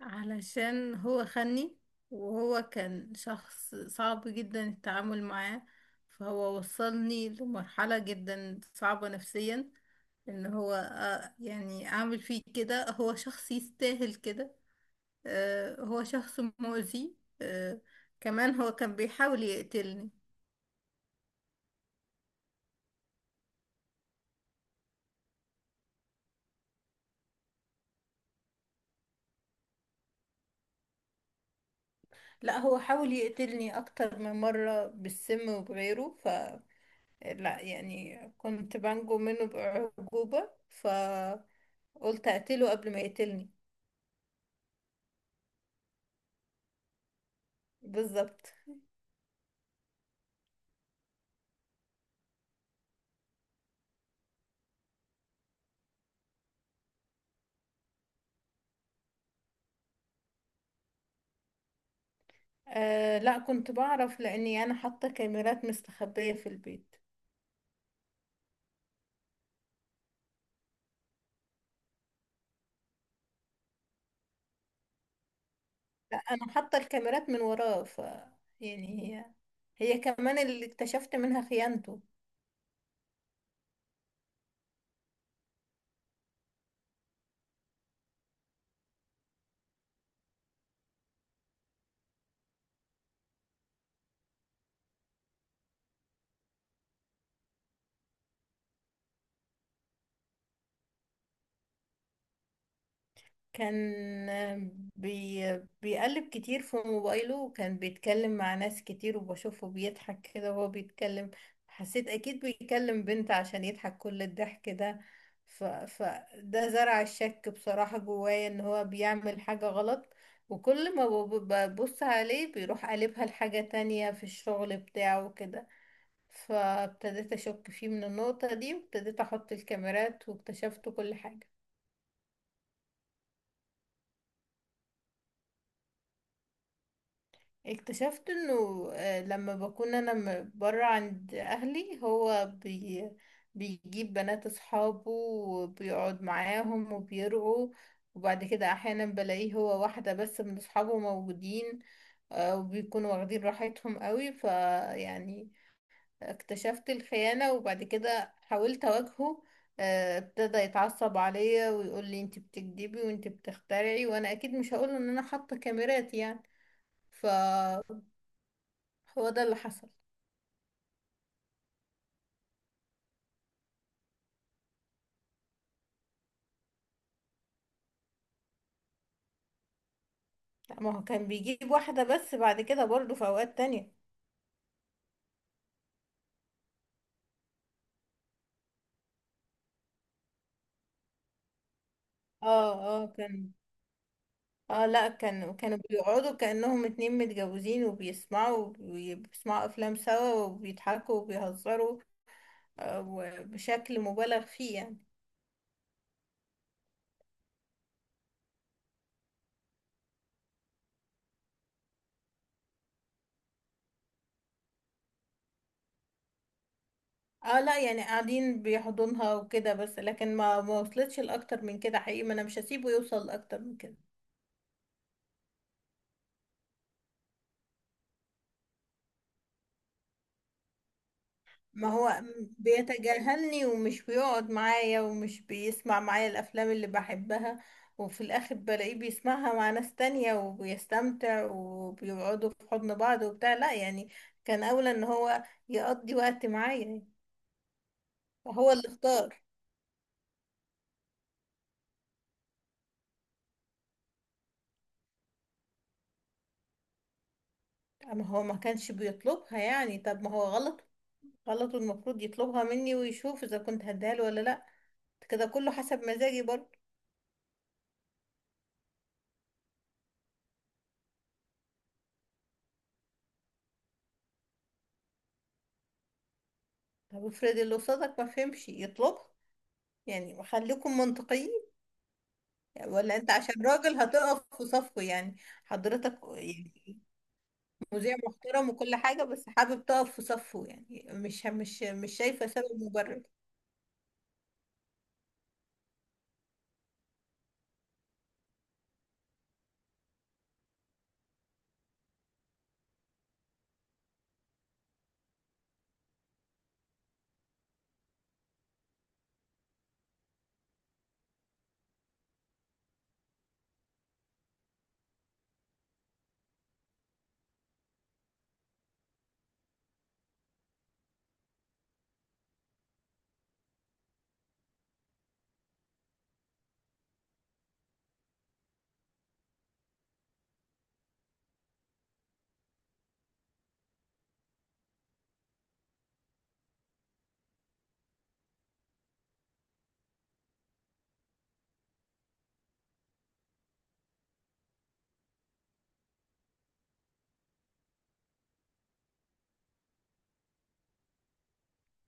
علشان هو خني، وهو كان شخص صعب جدا التعامل معاه. فهو وصلني لمرحلة جدا صعبة نفسيا ان هو يعني اعمل فيه كده. هو شخص يستاهل كده. هو شخص مؤذي. آه، كمان هو كان بيحاول يقتلني. لا هو حاول يقتلني اكتر من مرة بالسم وبغيره. لا يعني كنت بنجو منه بأعجوبة، فقلت أقتله قبل ما يقتلني. بالظبط. آه لا، كنت بعرف لأني أنا حاطة كاميرات مستخبية في البيت. لا أنا حاطة الكاميرات من وراه. ف يعني هي هي كمان اللي اكتشفت منها خيانته. كان بي بيقلب كتير في موبايله، وكان بيتكلم مع ناس كتير، وبشوفه بيضحك كده وهو بيتكلم. حسيت أكيد بيكلم بنت عشان يضحك كل الضحك ده. ف... فده زرع الشك بصراحة جوايا إن هو بيعمل حاجة غلط. وكل ما ببص عليه بيروح قلبها لحاجة تانية في الشغل بتاعه كده. فابتديت أشك فيه من النقطة دي، وابتديت أحط الكاميرات، واكتشفت كل حاجة. اكتشفت انه لما بكون انا برا عند اهلي هو بيجيب بنات اصحابه وبيقعد معاهم وبيرقوا. وبعد كده احيانا بلاقيه هو واحدة بس من اصحابه موجودين. وبيكونوا واخدين راحتهم قوي، فيعني اكتشفت الخيانة. وبعد كده حاولت اواجهه. ابتدى يتعصب عليا ويقول لي انت بتكدبي وانت بتخترعي، وانا اكيد مش هقول ان انا حاطة كاميرات يعني. هو ده اللي حصل. لا ما هو كان بيجيب واحدة بس، بعد كده برضه في أوقات تانية. اه. اه كان. اه لا، كانوا بيقعدوا كأنهم اتنين متجوزين، وبيسمعوا وبيسمعوا أفلام سوا وبيضحكوا وبيهزروا. وبشكل مبالغ فيه يعني. اه لا يعني قاعدين بيحضنها وكده بس، لكن ما وصلتش لأكتر من كده حقيقي. ما انا مش هسيبه يوصل لأكتر من كده. ما هو بيتجاهلني، ومش بيقعد معايا، ومش بيسمع معايا الافلام اللي بحبها، وفي الاخر بلاقيه بيسمعها مع ناس تانية وبيستمتع وبيقعدوا في حضن بعض وبتاع. لا يعني كان اولى ان هو يقضي وقت معايا. هو اللي اختار. اما هو ما كانش بيطلبها يعني. طب ما هو غلط. غلط، والمفروض يطلبها مني ويشوف اذا كنت هديها له ولا لا. كده كله حسب مزاجي برضه. طب افرض اللي قصادك ما فهمش يطلبها. يعني خليكم منطقيين. ولا انت عشان راجل هتقف في صفه يعني؟ حضرتك يعني مذيع محترم وكل حاجة، بس حابب تقف في صفه يعني. مش شايفة سبب مبرر.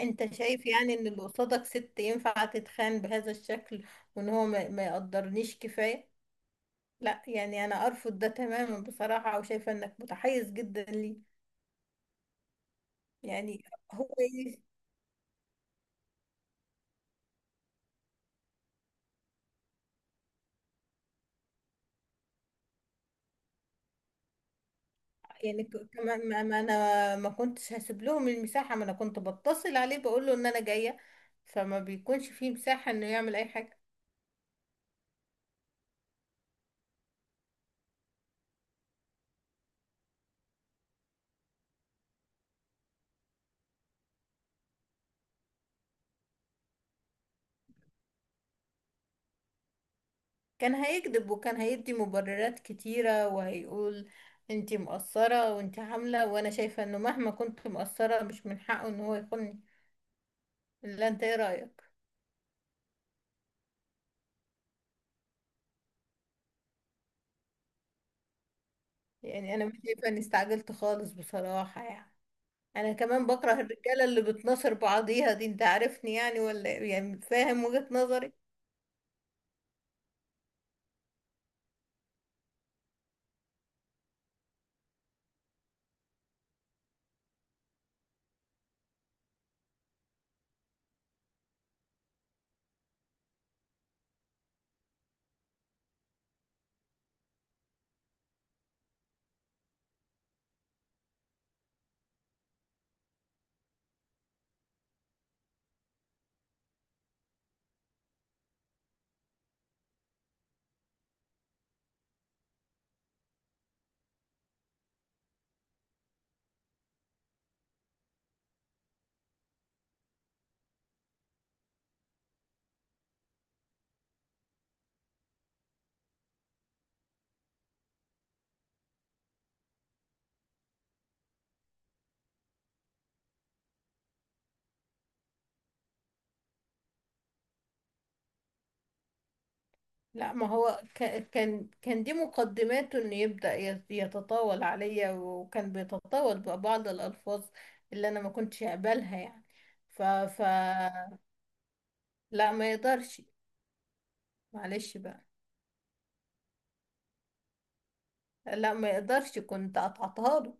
انت شايف يعني ان اللي قصادك ست ينفع تتخان بهذا الشكل، وان هو ما يقدرنيش كفاية؟ لا يعني انا ارفض ده تماما بصراحة، وشايفة انك متحيز جدا ليه. يعني هو ايه؟ يعني ك- كمان ما ما انا ما كنتش هسيب لهم المساحة. ما انا كنت بتصل عليه بقول له ان انا جاية، فما بيكونش فيه مساحة انه يعمل اي حاجة. كان هيكذب وكان هيدي مبررات كتيرة، وهيقول انتي مقصرة وانتي عاملة. وانا شايفة انه مهما كنت مقصرة مش من حقه ان هو يخوني. لا، انت ايه رأيك؟ يعني انا مش شايفة اني استعجلت خالص بصراحة يعني. انا كمان بكره الرجالة اللي بتناصر بعضيها دي. انت عارفني يعني ولا إيه؟ يعني فاهم وجهة نظري؟ لا ما هو كان دي مقدماته انه يبدأ يتطاول عليا، وكان بيتطاول ببعض الألفاظ اللي انا ما كنتش اقبلها يعني. ف ف لا ما يقدرش. معلش بقى. لا ما يقدرش، كنت قطعتها له.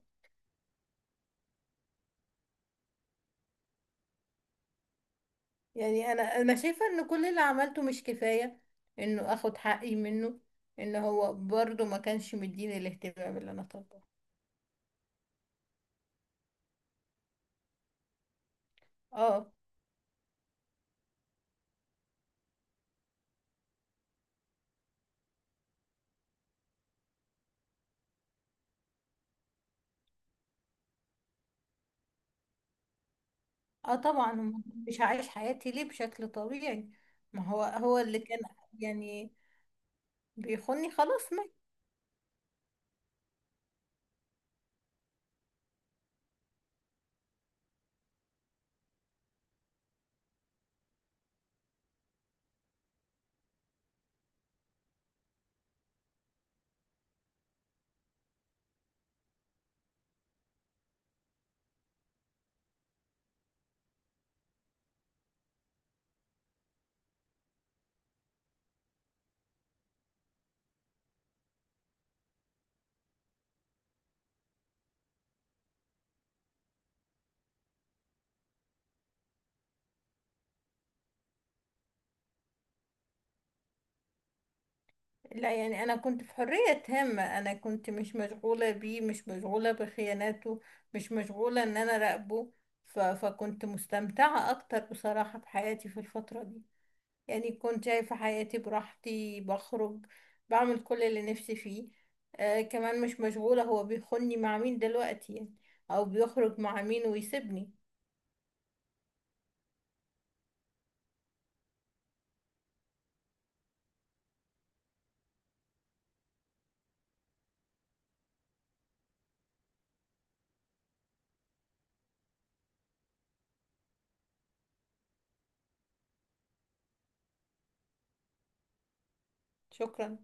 يعني انا شايفة ان كل اللي عملته مش كفاية انه اخد حقي منه. ان هو برضه ما كانش مديني الاهتمام اللي انا طالباه. اه. اه طبعا. مش عايش حياتي ليه بشكل طبيعي؟ ما هو هو اللي كان يعني بيخوني خلاص ما. لا يعني انا كنت في حرية تامة. انا كنت مش مشغولة بيه، مش مشغولة بخياناته، مش مشغولة ان انا راقبه. ف... فكنت مستمتعة اكتر بصراحة بحياتي في الفترة دي. يعني كنت شايفة حياتي براحتي، بخرج، بعمل كل اللي نفسي فيه. آه كمان مش مشغولة هو بيخوني مع مين دلوقتي يعني، او بيخرج مع مين ويسيبني. شكرا.